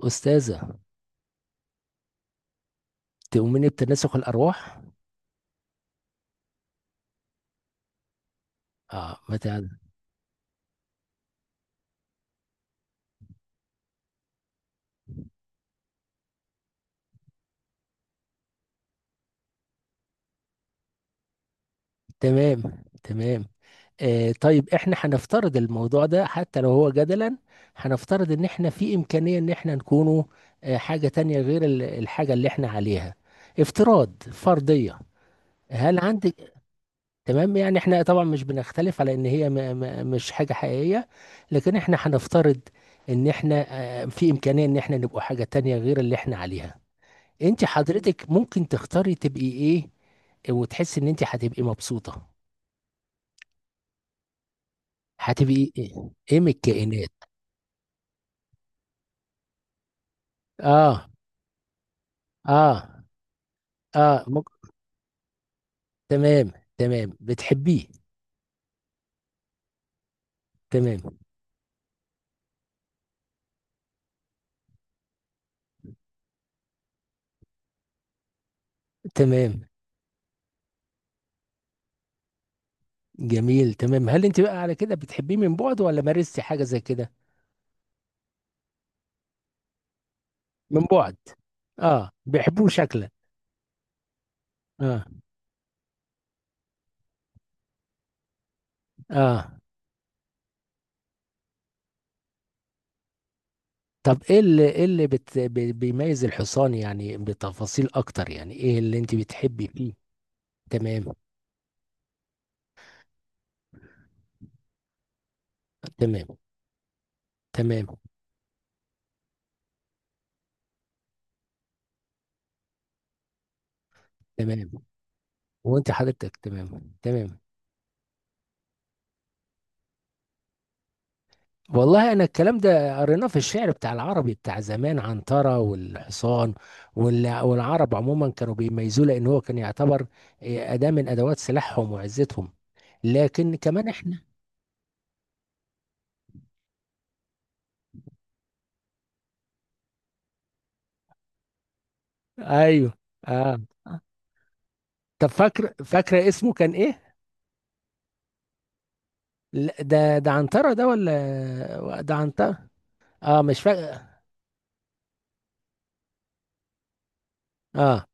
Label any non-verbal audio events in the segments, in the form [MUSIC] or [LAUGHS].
أستاذة، تؤمني بتناسخ الأرواح؟ آه ما تع- تمام. تمام. آه طيب إحنا هنفترض الموضوع ده حتى لو هو جدلا. هنفترض إن إحنا في إمكانية إن إحنا نكونوا آه حاجة تانية غير الحاجة اللي إحنا عليها. افتراض، فرضية. هل عندك؟ تمام، يعني إحنا طبعا مش بنختلف على إن هي مش حاجة حقيقية، لكن إحنا هنفترض إن إحنا آه في إمكانية إن إحنا نبقى حاجة تانية غير اللي إحنا عليها. انت حضرتك ممكن تختاري تبقي ايه وتحسي ان انت هتبقي مبسوطة؟ هتبقي ايه؟ ايه من الكائنات؟ اه. اه. اه مك... تمام. تمام، بتحبيه؟ تمام. تمام، جميل. تمام، هل انت بقى على كده بتحبيه من بعد ولا مارستي حاجة زي كده؟ من بعد؟ اه بيحبوه شكلا. اه. اه، طب ايه اللي ايه اللي بيميز الحصان؟ يعني بتفاصيل اكتر، يعني ايه اللي انت بتحبي فيه؟ تمام. تمام. تمام. تمام، وانت حضرتك؟ تمام. تمام، والله انا الكلام ده قريناه في الشعر بتاع العربي بتاع زمان، عنترة والحصان. والعرب عموما كانوا بيميزوه لان هو كان يعتبر إيه، اداة من ادوات سلاحهم وعزتهم. لكن كمان احنا. ايوه. اه، طب فاكره اسمه كان ايه؟ لا، ده عنترة ده ولا ده عنترة؟ اه مش فاكر. اه.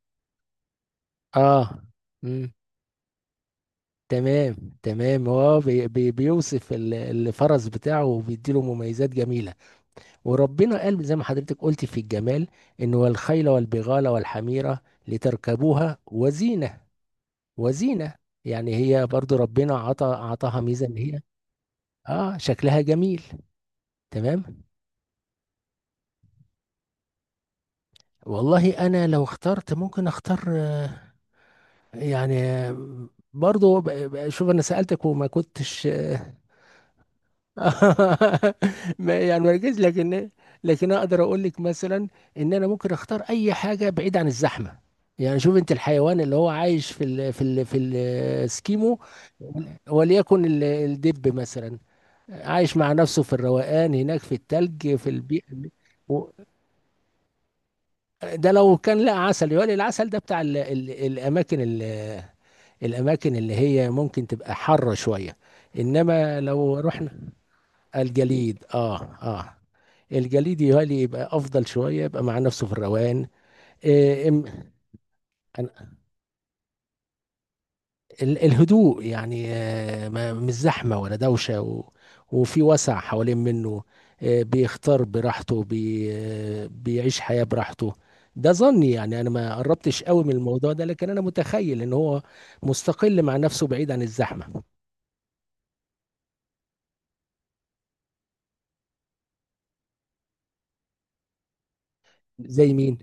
اه. مم. تمام. تمام، هو بي بيوصف الفرس بتاعه وبيديله مميزات جميلة. وربنا قال زي ما حضرتك قلت في الجمال، إن والخيل والبغال والحميرة لتركبوها وزينة. وزينة، يعني هي برضو ربنا عطاها ميزة إن هي آه شكلها جميل. تمام، والله أنا لو اخترت ممكن أختار آه، يعني آه، برضو شوف، أنا سألتك وما كنتش [LAUGHS] [LAUGHS] يعني مركز، لكن لكن اقدر اقول لك مثلا ان انا ممكن اختار اي حاجه بعيد عن الزحمه. يعني شوف انت الحيوان اللي هو عايش في السكيمو، وليكن الدب مثلا، عايش مع نفسه في الروقان هناك في التلج في البيئه. و- ده لو كان لقى عسل يقول العسل ده بتاع ال ال الاماكن الاماكن اللي هي ممكن تبقى حاره شويه، انما لو رحنا الجليد. اه. اه، الجليد يهيألي يبقى افضل شويه، يبقى مع نفسه في الروقان. آه إم- أنا- الهدوء، يعني آه مش زحمه ولا دوشه، و وفي وسع حوالين منه، آه بيختار براحته بي آه بيعيش حياه براحته. ده ظني، يعني انا ما قربتش قوي من الموضوع ده، لكن انا متخيل ان هو مستقل مع نفسه بعيد عن الزحمه. زي مين؟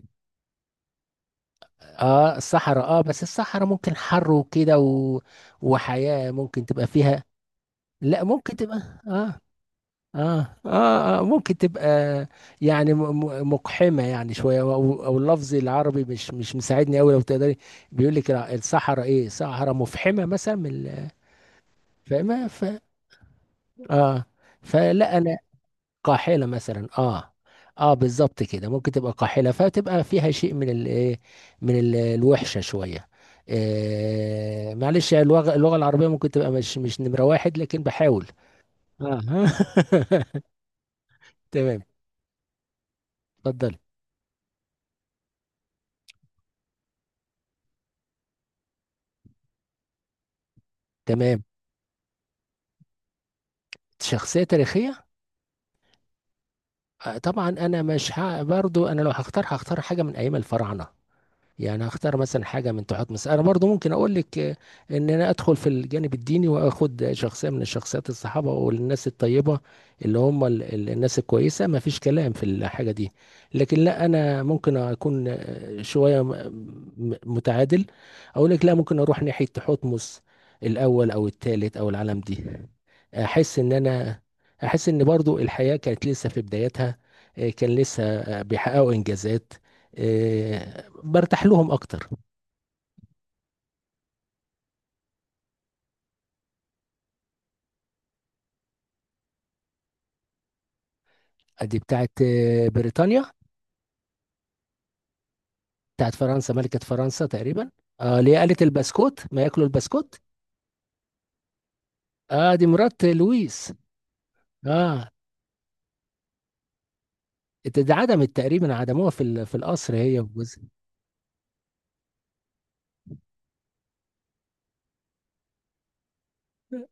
اه الصحراء. اه بس الصحراء ممكن حر وكده و... وحياة ممكن تبقى فيها. لا ممكن تبقى. اه. اه. اه، آه ممكن تبقى يعني مقحمة يعني شوية، أو اللفظ العربي مش مساعدني قوي لو تقدري. بيقول لك الصحراء ايه، صحراء مفحمة مثلا، من فاهمة ف اه فلا انا. قاحلة مثلا، اه. اه بالظبط كده، ممكن تبقى قاحلة فتبقى فيها شيء من ال إيه؟ من الوحشة شوية. آه معلش، اللغة، اللغة العربية ممكن تبقى مش نمرة واحد، لكن بحاول. اه [LAUGHS] تمام. اتفضل. تمام. شخصية تاريخية؟ آه، طبعا انا مش ه... برضو انا لو هختار هختار حاجة من ايام الفراعنة، يعني هختار مثلا حاجه من تحت مصر. انا برضو ممكن اقول لك آه، ان انا ادخل في الجانب الديني واخد شخصيه من الشخصيات الصحابه والناس الطيبه، اللي هم الناس الكويسه، ما فيش كلام في الحاجه دي. لكن لا انا ممكن اكون آه، شويه متعادل، اقول لك لا ممكن اروح ناحيه تحتمس الاول او الثالث او العالم دي. احس ان انا احس ان برضو الحياه كانت لسه في بدايتها، آه، كان لسه آه، بيحققوا انجازات، آه، برتاح لهم اكتر. دي بتاعت آه، بريطانيا؟ بتاعت فرنسا، ملكة فرنسا تقريبا. اه اللي هي قالت البسكوت، ما ياكلوا البسكوت. اه دي مرات لويس. اه، دي عدمت، تقريبا عدموها في في القصر هي وجوزها.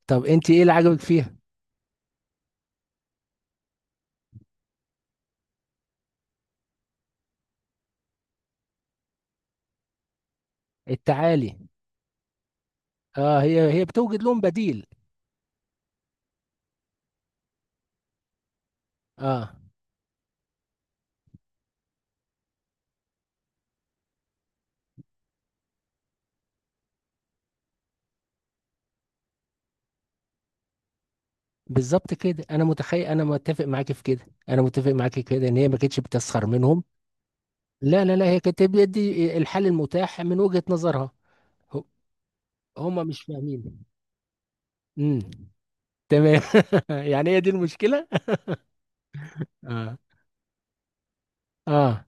طب انت ايه اللي عجبك فيها؟ التعالي. اه هي هي بتوجد لهم بديل. اه بالظبط كده، انا متخيل، انا متفق معاكي في كده، انا متفق معاكي في كده ان هي ما كانتش بتسخر منهم. لا لا لا، هي كانت بتدي الحل المتاح من وجهة نظرها. هم مش فاهمين. امم. تمام. [LAUGHS] يعني هي دي المشكلة. اه. اه.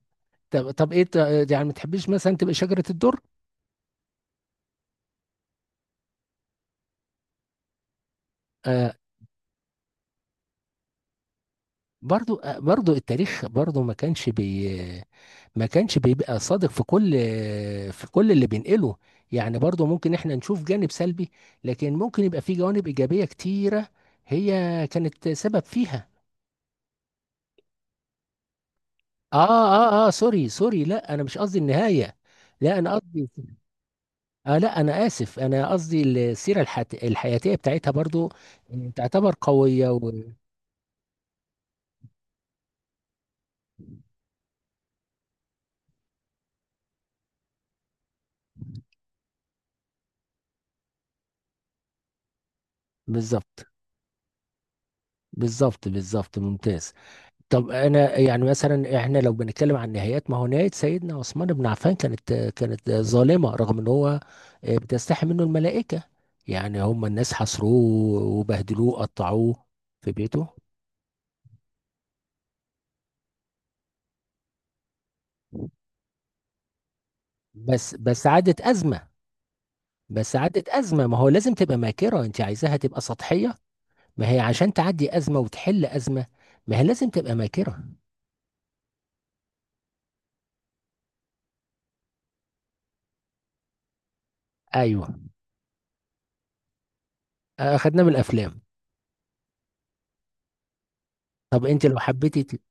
طب طب يعني ما تحبيش مثلا تبقى شجرة الدر؟ آه برضو التاريخ برضو ما كانش بيبقى صادق في كل في كل اللي بينقله، يعني برضو ممكن احنا نشوف جانب سلبي، لكن ممكن يبقى في جوانب إيجابية كتيرة هي كانت سبب فيها. اه. اه. اه سوري سوري، لا انا مش قصدي النهاية، لا انا قصدي، آه لا أنا آسف، أنا قصدي الحياتية بتاعتها برضو تعتبر قوية و... بالظبط. بالظبط. بالظبط ممتاز. طب أنا يعني مثلا إحنا لو بنتكلم عن نهايات، ما هو نهاية سيدنا عثمان بن عفان كانت ظالمة، رغم إن هو آه، بتستحي منه الملائكة، يعني هم الناس حصروه وبهدلوه قطعوه في بيته. بس عادت أزمة، بس عادت أزمة، ما هو لازم تبقى ماكرة، أنت عايزاها تبقى سطحية؟ ما هي عشان تعدي أزمة وتحل أزمة ما هي لازم تبقى ماكرة. أيوه. آه، خدناه من الأفلام. طب أنت لو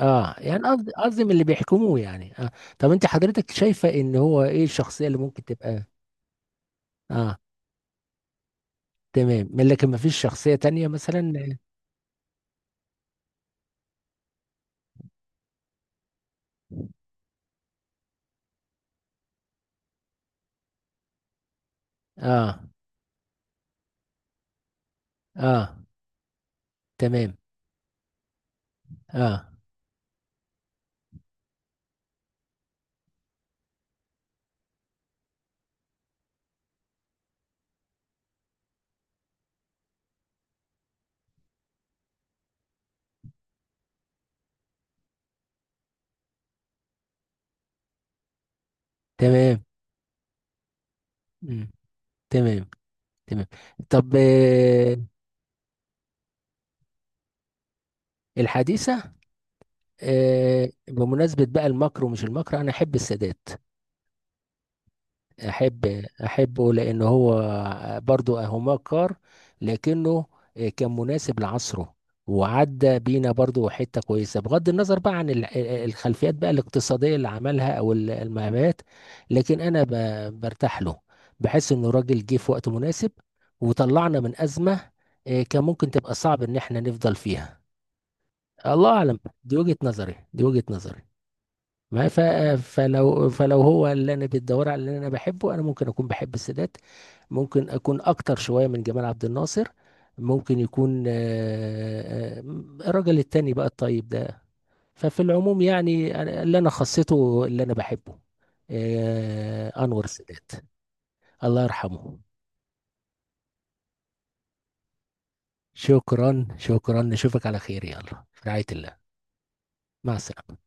آه يعني قصدي، قصدي من اللي بيحكموه، يعني آه. طب أنت حضرتك شايفة إن هو إيه الشخصية اللي ممكن تبقى؟ آه. تمام، من، لكن ما فيش شخصية تانية مثلا؟ آه. آه. تمام. آه تمام. مم. تمام. تمام. طب آه، الحديثة؟ آه بمناسبة بقى المكر ومش المكر، أنا أحب السادات. احبه لان هو برضو هوماكار، لكنه كان مناسب لعصره وعدى بينا برضو حتة كويسة، بغض النظر بقى عن الخلفيات بقى الاقتصادية اللي عملها او المهمات. لكن انا برتاح له، بحس انه راجل جه في وقت مناسب وطلعنا من أزمة، آه، كان ممكن تبقى صعب ان احنا نفضل فيها. الله اعلم، دي وجهة نظري، دي وجهة نظري. ما ف... فلو فلو هو اللي انا بتدور على اللي انا بحبه انا، ممكن اكون بحب السادات، ممكن اكون اكتر شويه من جمال عبد الناصر، ممكن يكون آه، آه، الراجل التاني بقى الطيب ده. ففي العموم يعني اللي انا خصيته اللي انا بحبه آه، انور السادات، الله يرحمه. شكرا شكرا، نشوفك على خير، يلا في رعايه الله، مع السلامه.